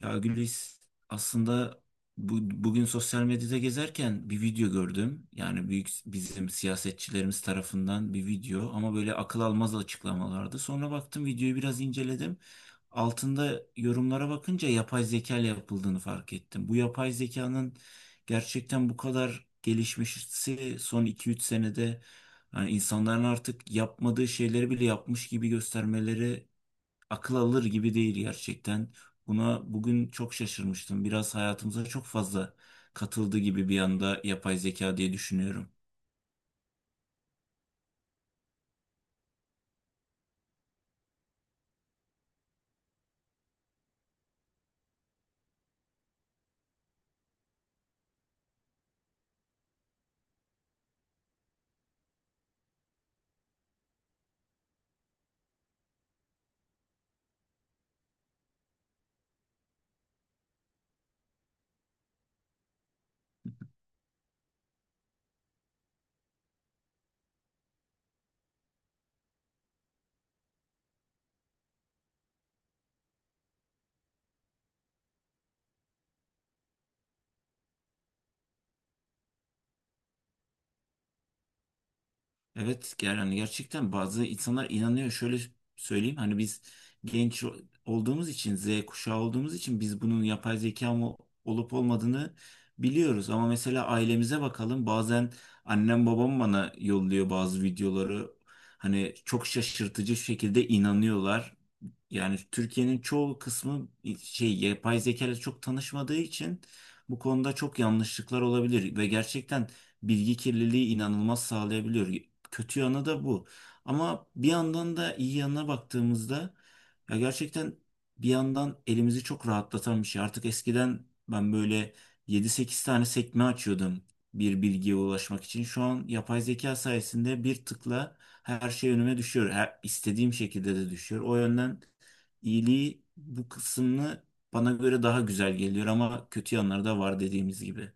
Ya Gülis aslında bu, bugün sosyal medyada gezerken bir video gördüm. Yani büyük bizim siyasetçilerimiz tarafından bir video ama böyle akıl almaz açıklamalardı. Sonra baktım videoyu biraz inceledim. Altında yorumlara bakınca yapay zeka ile yapıldığını fark ettim. Bu yapay zekanın gerçekten bu kadar gelişmesi son 2-3 senede yani insanların artık yapmadığı şeyleri bile yapmış gibi göstermeleri akıl alır gibi değil gerçekten. Buna bugün çok şaşırmıştım. Biraz hayatımıza çok fazla katıldı gibi bir anda yapay zeka diye düşünüyorum. Evet gerçekten bazı insanlar inanıyor. Şöyle söyleyeyim hani biz genç olduğumuz için Z kuşağı olduğumuz için biz bunun yapay zeka mı olup olmadığını biliyoruz. Ama mesela ailemize bakalım bazen annem babam bana yolluyor bazı videoları. Hani çok şaşırtıcı şekilde inanıyorlar. Yani Türkiye'nin çoğu kısmı şey yapay zeka ile çok tanışmadığı için bu konuda çok yanlışlıklar olabilir ve gerçekten bilgi kirliliği inanılmaz sağlayabiliyor. Kötü yanı da bu. Ama bir yandan da iyi yanına baktığımızda ya gerçekten bir yandan elimizi çok rahatlatan bir şey. Artık eskiden ben böyle 7-8 tane sekme açıyordum bir bilgiye ulaşmak için. Şu an yapay zeka sayesinde bir tıkla her şey önüme düşüyor. Her, istediğim şekilde de düşüyor. O yönden iyiliği bu kısmını bana göre daha güzel geliyor ama kötü yanları da var dediğimiz gibi.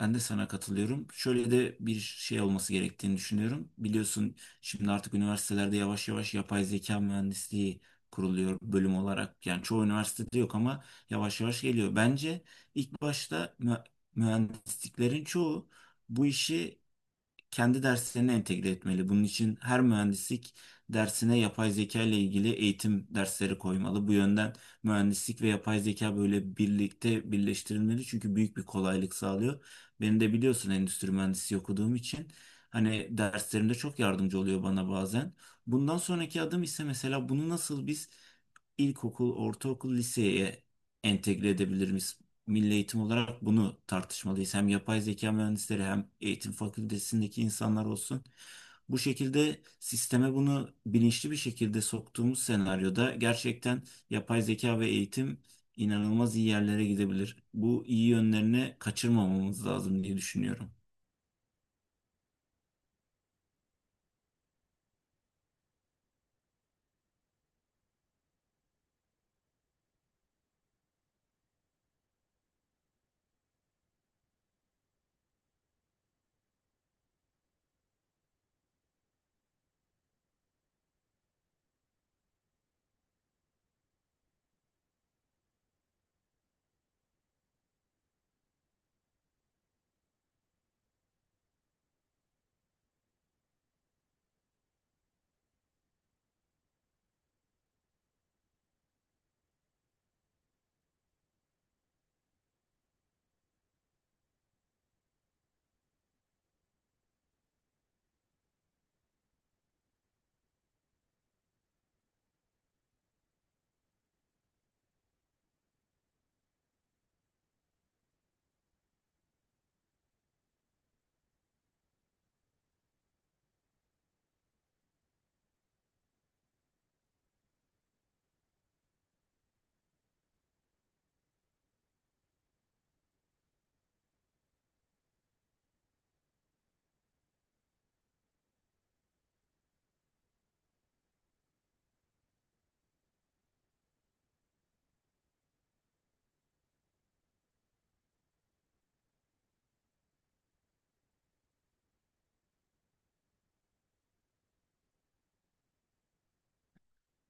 Ben de sana katılıyorum. Şöyle de bir şey olması gerektiğini düşünüyorum. Biliyorsun şimdi artık üniversitelerde yavaş yavaş yapay zeka mühendisliği kuruluyor bölüm olarak. Yani çoğu üniversitede yok ama yavaş yavaş geliyor. Bence ilk başta mühendisliklerin çoğu bu işi kendi derslerine entegre etmeli. Bunun için her mühendislik dersine yapay zeka ile ilgili eğitim dersleri koymalı. Bu yönden mühendislik ve yapay zeka böyle birlikte birleştirilmeli çünkü büyük bir kolaylık sağlıyor. Beni de biliyorsun endüstri mühendisi okuduğum için hani derslerimde çok yardımcı oluyor bana bazen. Bundan sonraki adım ise mesela bunu nasıl biz ilkokul, ortaokul, liseye entegre edebiliriz? Milli eğitim olarak bunu tartışmalıyız. Hem yapay zeka mühendisleri hem eğitim fakültesindeki insanlar olsun. Bu şekilde sisteme bunu bilinçli bir şekilde soktuğumuz senaryoda gerçekten yapay zeka ve eğitim inanılmaz iyi yerlere gidebilir. Bu iyi yönlerini kaçırmamamız lazım diye düşünüyorum.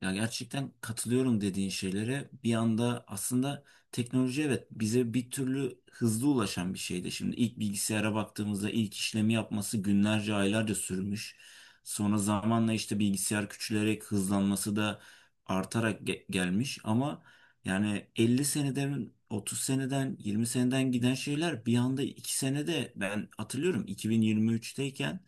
Ya gerçekten katılıyorum dediğin şeylere. Bir anda aslında teknoloji evet bize bir türlü hızlı ulaşan bir şeydi. Şimdi ilk bilgisayara baktığımızda ilk işlemi yapması günlerce aylarca sürmüş. Sonra zamanla işte bilgisayar küçülerek hızlanması da artarak gelmiş. Ama yani 50 seneden 30 seneden 20 seneden giden şeyler bir anda 2 senede ben hatırlıyorum 2023'teyken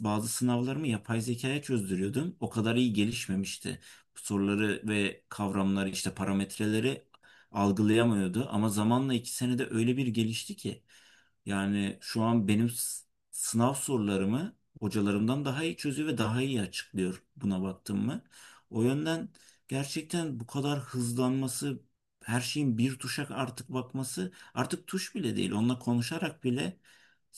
bazı sınavlarımı yapay zekaya çözdürüyordum. O kadar iyi gelişmemişti soruları ve kavramları işte parametreleri algılayamıyordu. Ama zamanla 2 senede öyle bir gelişti ki yani şu an benim sınav sorularımı hocalarımdan daha iyi çözüyor ve daha iyi açıklıyor buna baktım mı. O yönden gerçekten bu kadar hızlanması her şeyin bir tuşa artık bakması artık tuş bile değil onunla konuşarak bile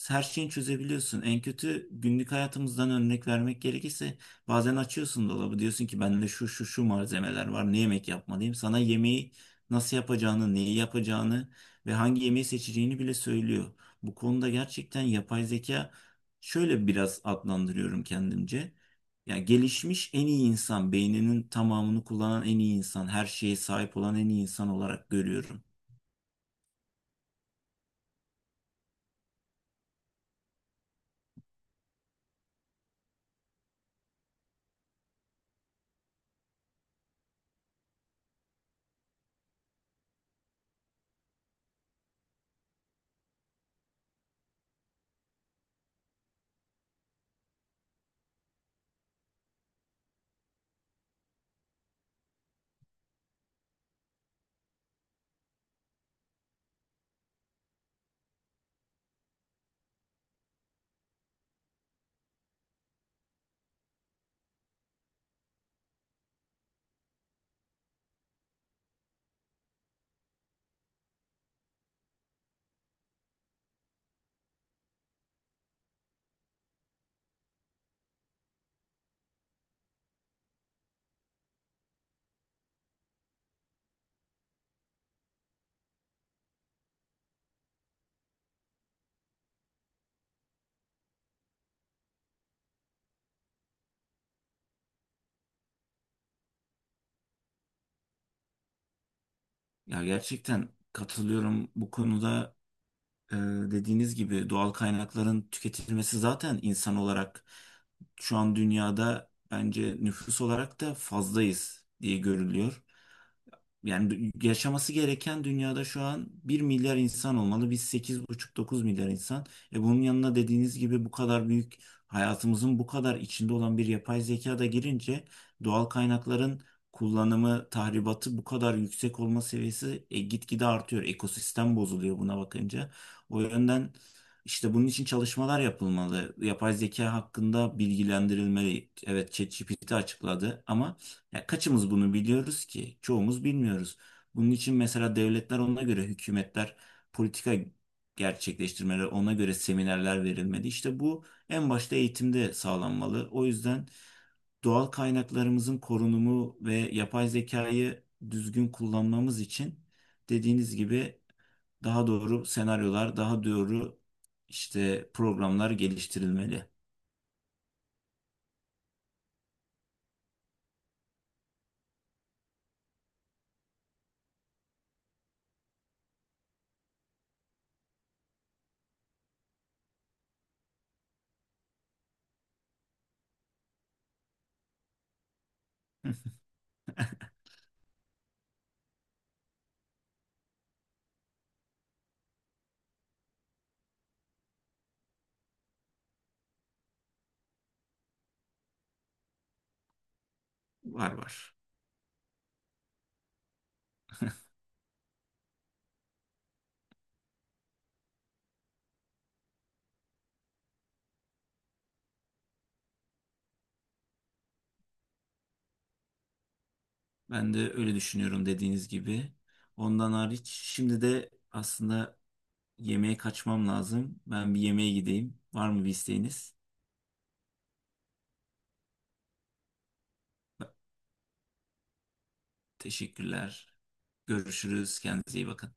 her şeyi çözebiliyorsun. En kötü günlük hayatımızdan örnek vermek gerekirse bazen açıyorsun dolabı diyorsun ki bende şu şu şu malzemeler var ne yemek yapmalıyım. Sana yemeği nasıl yapacağını, neyi yapacağını ve hangi yemeği seçeceğini bile söylüyor. Bu konuda gerçekten yapay zeka şöyle biraz adlandırıyorum kendimce. Ya gelişmiş en iyi insan, beyninin tamamını kullanan en iyi insan, her şeye sahip olan en iyi insan olarak görüyorum. Ya gerçekten katılıyorum bu konuda. Ee, Dediğiniz gibi doğal kaynakların tüketilmesi zaten insan olarak şu an dünyada bence nüfus olarak da fazlayız diye görülüyor. Yani yaşaması gereken dünyada şu an bir milyar insan olmalı. Biz 8,5-9 milyar insan. E bunun yanına dediğiniz gibi bu kadar büyük hayatımızın bu kadar içinde olan bir yapay zeka da girince doğal kaynakların kullanımı, tahribatı bu kadar yüksek olma seviyesi gitgide artıyor. Ekosistem bozuluyor buna bakınca. O yönden işte bunun için çalışmalar yapılmalı. Yapay zeka hakkında bilgilendirilmeli. Evet, ChatGPT açıkladı ama ya kaçımız bunu biliyoruz ki? Çoğumuz bilmiyoruz. Bunun için mesela devletler ona göre, hükümetler politika gerçekleştirmeleri, ona göre seminerler verilmeli. İşte bu en başta eğitimde sağlanmalı. O yüzden doğal kaynaklarımızın korunumu ve yapay zekayı düzgün kullanmamız için dediğiniz gibi daha doğru senaryolar, daha doğru işte programlar geliştirilmeli. Var var. Ben de öyle düşünüyorum dediğiniz gibi. Ondan hariç şimdi de aslında yemeğe kaçmam lazım. Ben bir yemeğe gideyim. Var mı bir isteğiniz? Teşekkürler. Görüşürüz. Kendinize iyi bakın.